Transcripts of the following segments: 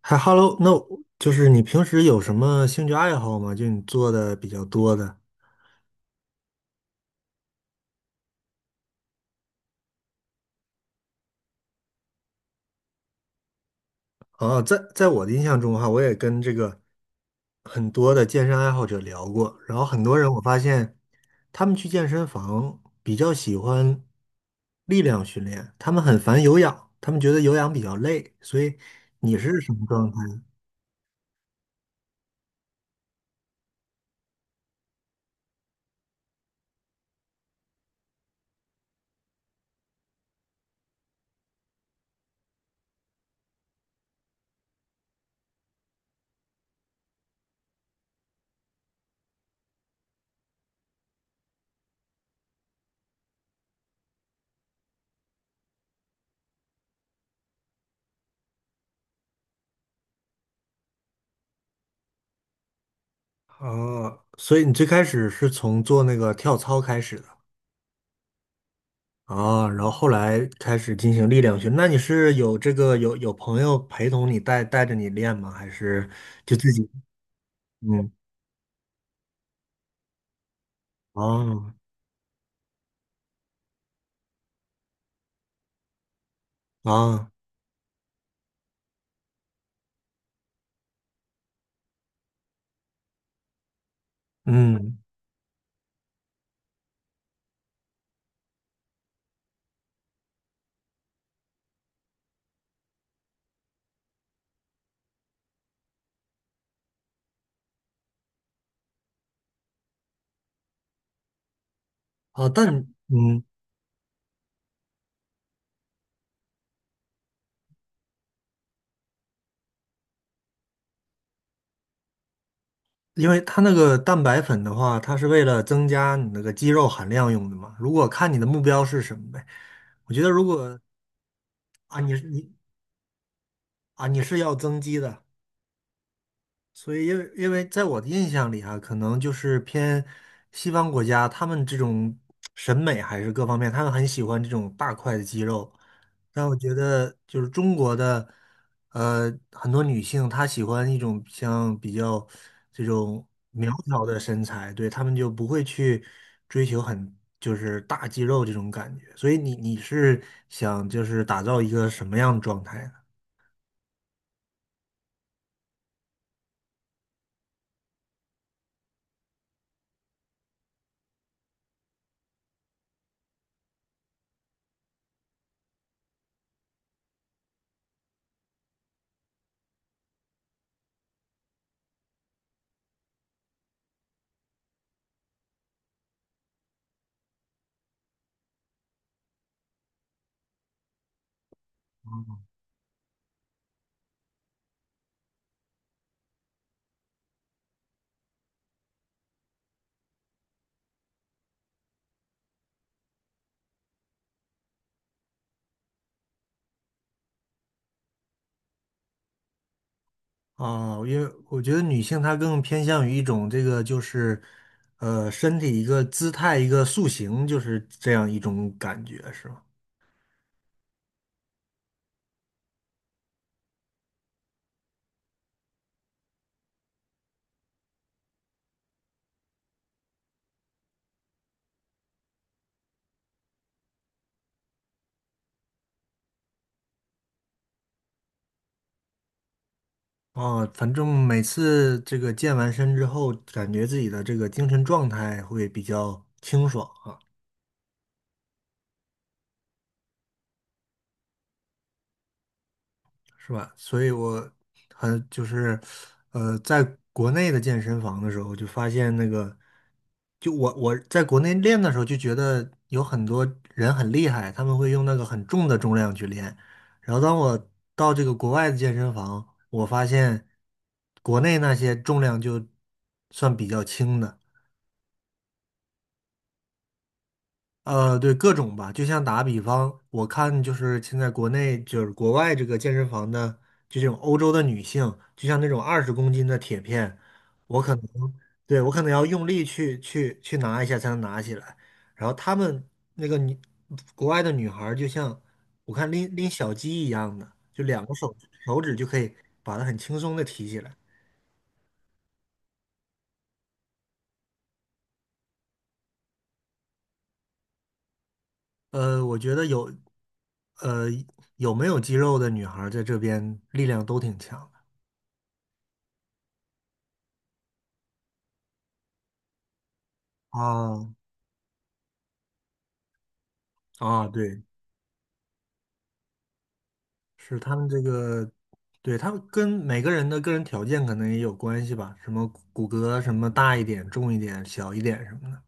还 Hello,那我就是你平时有什么兴趣爱好吗？就你做的比较多的。哦，在我的印象中哈，我也跟这个很多的健身爱好者聊过，然后很多人我发现他们去健身房比较喜欢力量训练，他们很烦有氧，他们觉得有氧比较累，所以你是什么状态？哦，所以你最开始是从做那个跳操开始的。啊，然后后来开始进行力量训。那你是有这个有有朋友陪同你带着你练吗？还是就自己？嗯。啊。啊。嗯。哦，但嗯，因为它那个蛋白粉的话，它是为了增加你那个肌肉含量用的嘛。如果看你的目标是什么呗，我觉得如果啊，你是你啊，你是要增肌的，所以，因为在我的印象里啊，可能就是偏西方国家，他们这种审美还是各方面，他们很喜欢这种大块的肌肉。但我觉得，就是中国的，很多女性她喜欢一种像比较这种苗条的身材，对，她们就不会去追求很就是大肌肉这种感觉。所以你是想就是打造一个什么样的状态呢？啊，因为我觉得女性她更偏向于一种这个就是，身体一个姿态一个塑形，就是这样一种感觉，是吗？啊，反正每次这个健完身之后，感觉自己的这个精神状态会比较清爽啊。是吧？所以我很就是，在国内的健身房的时候，就发现那个，就我在国内练的时候，就觉得有很多人很厉害，他们会用那个很重的重量去练。然后当我到这个国外的健身房，我发现国内那些重量就算比较轻的。对，各种吧，就像打比方，我看就是现在国内就是国外这个健身房的，就这种欧洲的女性，就像那种20公斤的铁片，我可能对我可能要用力去拿一下才能拿起来，然后她们那个女国外的女孩儿就像我看拎小鸡一样的，就两个手手指就可以把它很轻松的提起来。呃，我觉得有呃有没有肌肉的女孩儿在这边力量都挺强的。啊。啊，对，是他们这个，对，他们跟每个人的个人条件可能也有关系吧，什么骨骼什么大一点、重一点、小一点什么的。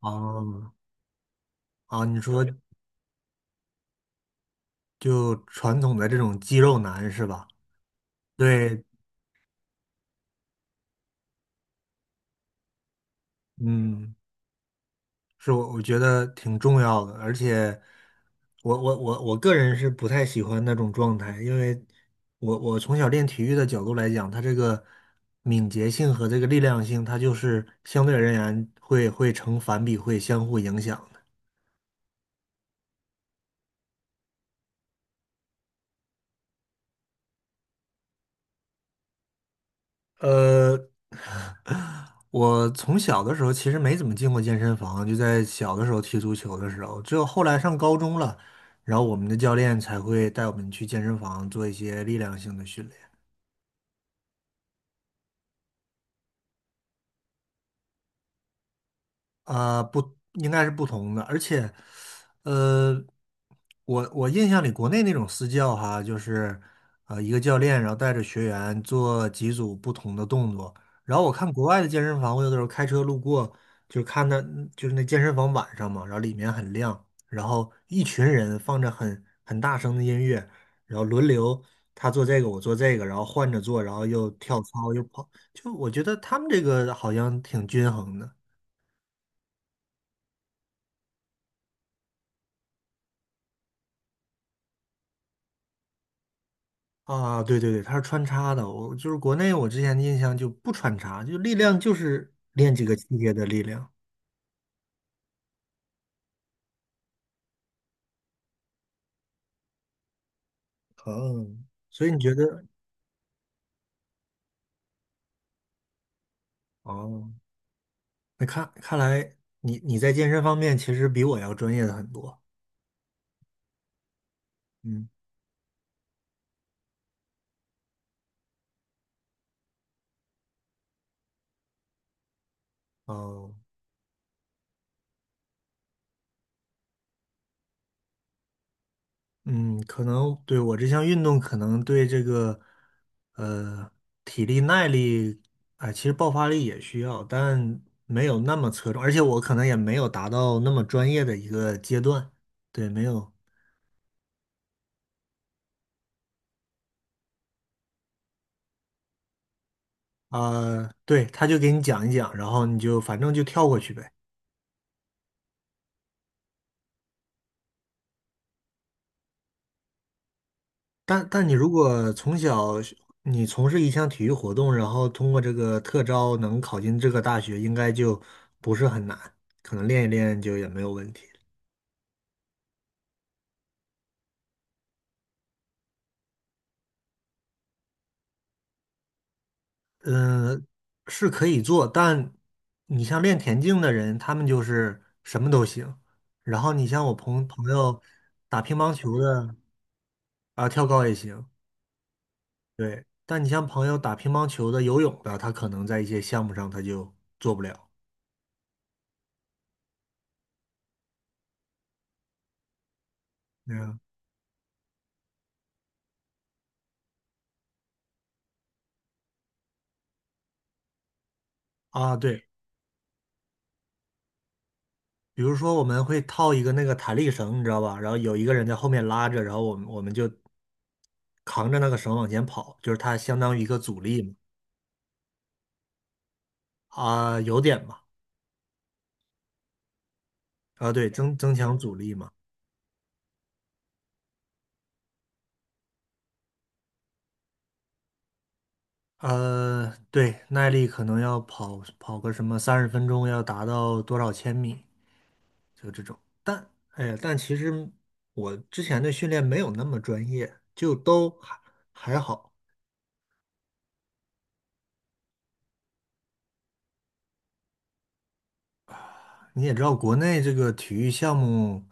哦。啊，你说就传统的这种肌肉男是吧？对。嗯，是我觉得挺重要的，而且我个人是不太喜欢那种状态，因为我从小练体育的角度来讲，它这个敏捷性和这个力量性，它就是相对而言会成反比，会相互影响的。呃，我从小的时候其实没怎么进过健身房，就在小的时候踢足球的时候，只有后来上高中了，然后我们的教练才会带我们去健身房做一些力量性的训练。啊，不，应该是不同的，而且，呃，我我印象里国内那种私教哈，就是一个教练，然后带着学员做几组不同的动作，然后我看国外的健身房，我有的时候开车路过，就看到就是那健身房晚上嘛，然后里面很亮，然后一群人放着很大声的音乐，然后轮流他做这个，我做这个，然后换着做，然后又跳操又跑，就我觉得他们这个好像挺均衡的。啊，对对对，它是穿插的。我就是国内，我之前的印象就不穿插，就力量就是练几个器械的力量。哦，所以你觉得，哦，那看看来你你在健身方面其实比我要专业的很多。嗯。哦。嗯，可能对我这项运动，可能对这个呃体力耐力，哎，其实爆发力也需要，但没有那么侧重，而且我可能也没有达到那么专业的一个阶段。对，没有。啊、对，他就给你讲一讲，然后你就反正就跳过去呗。但你如果从小是你从事一项体育活动，然后通过这个特招能考进这个大学，应该就不是很难，可能练一练就也没有问题。嗯、是可以做，但你像练田径的人，他们就是什么都行。然后你像我朋友打乒乓球的啊、跳高也行。对，但你像朋友打乒乓球的、游泳的，他可能在一些项目上他就做不了。嗯。啊，对，比如说我们会套一个那个弹力绳，你知道吧？然后有一个人在后面拉着，然后我们就扛着那个绳往前跑，就是它相当于一个阻力嘛。啊，有点吧。啊，对，增强阻力嘛。对，耐力可能要跑跑个什么30分钟，要达到多少千米？就这种。但哎呀，但其实我之前的训练没有那么专业，就都还还好。你也知道，国内这个体育项目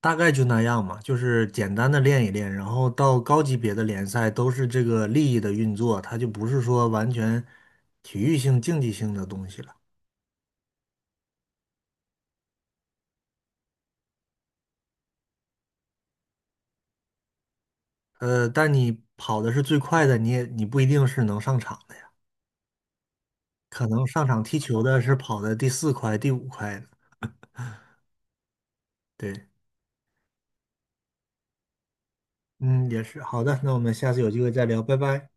大概就那样嘛，就是简单的练一练，然后到高级别的联赛都是这个利益的运作，它就不是说完全体育性、竞技性的东西了。但你跑的是最快的，你不一定是能上场的呀，可能上场踢球的是跑的第四快、第五快的，对。嗯，也是。好的，那我们下次有机会再聊，拜拜。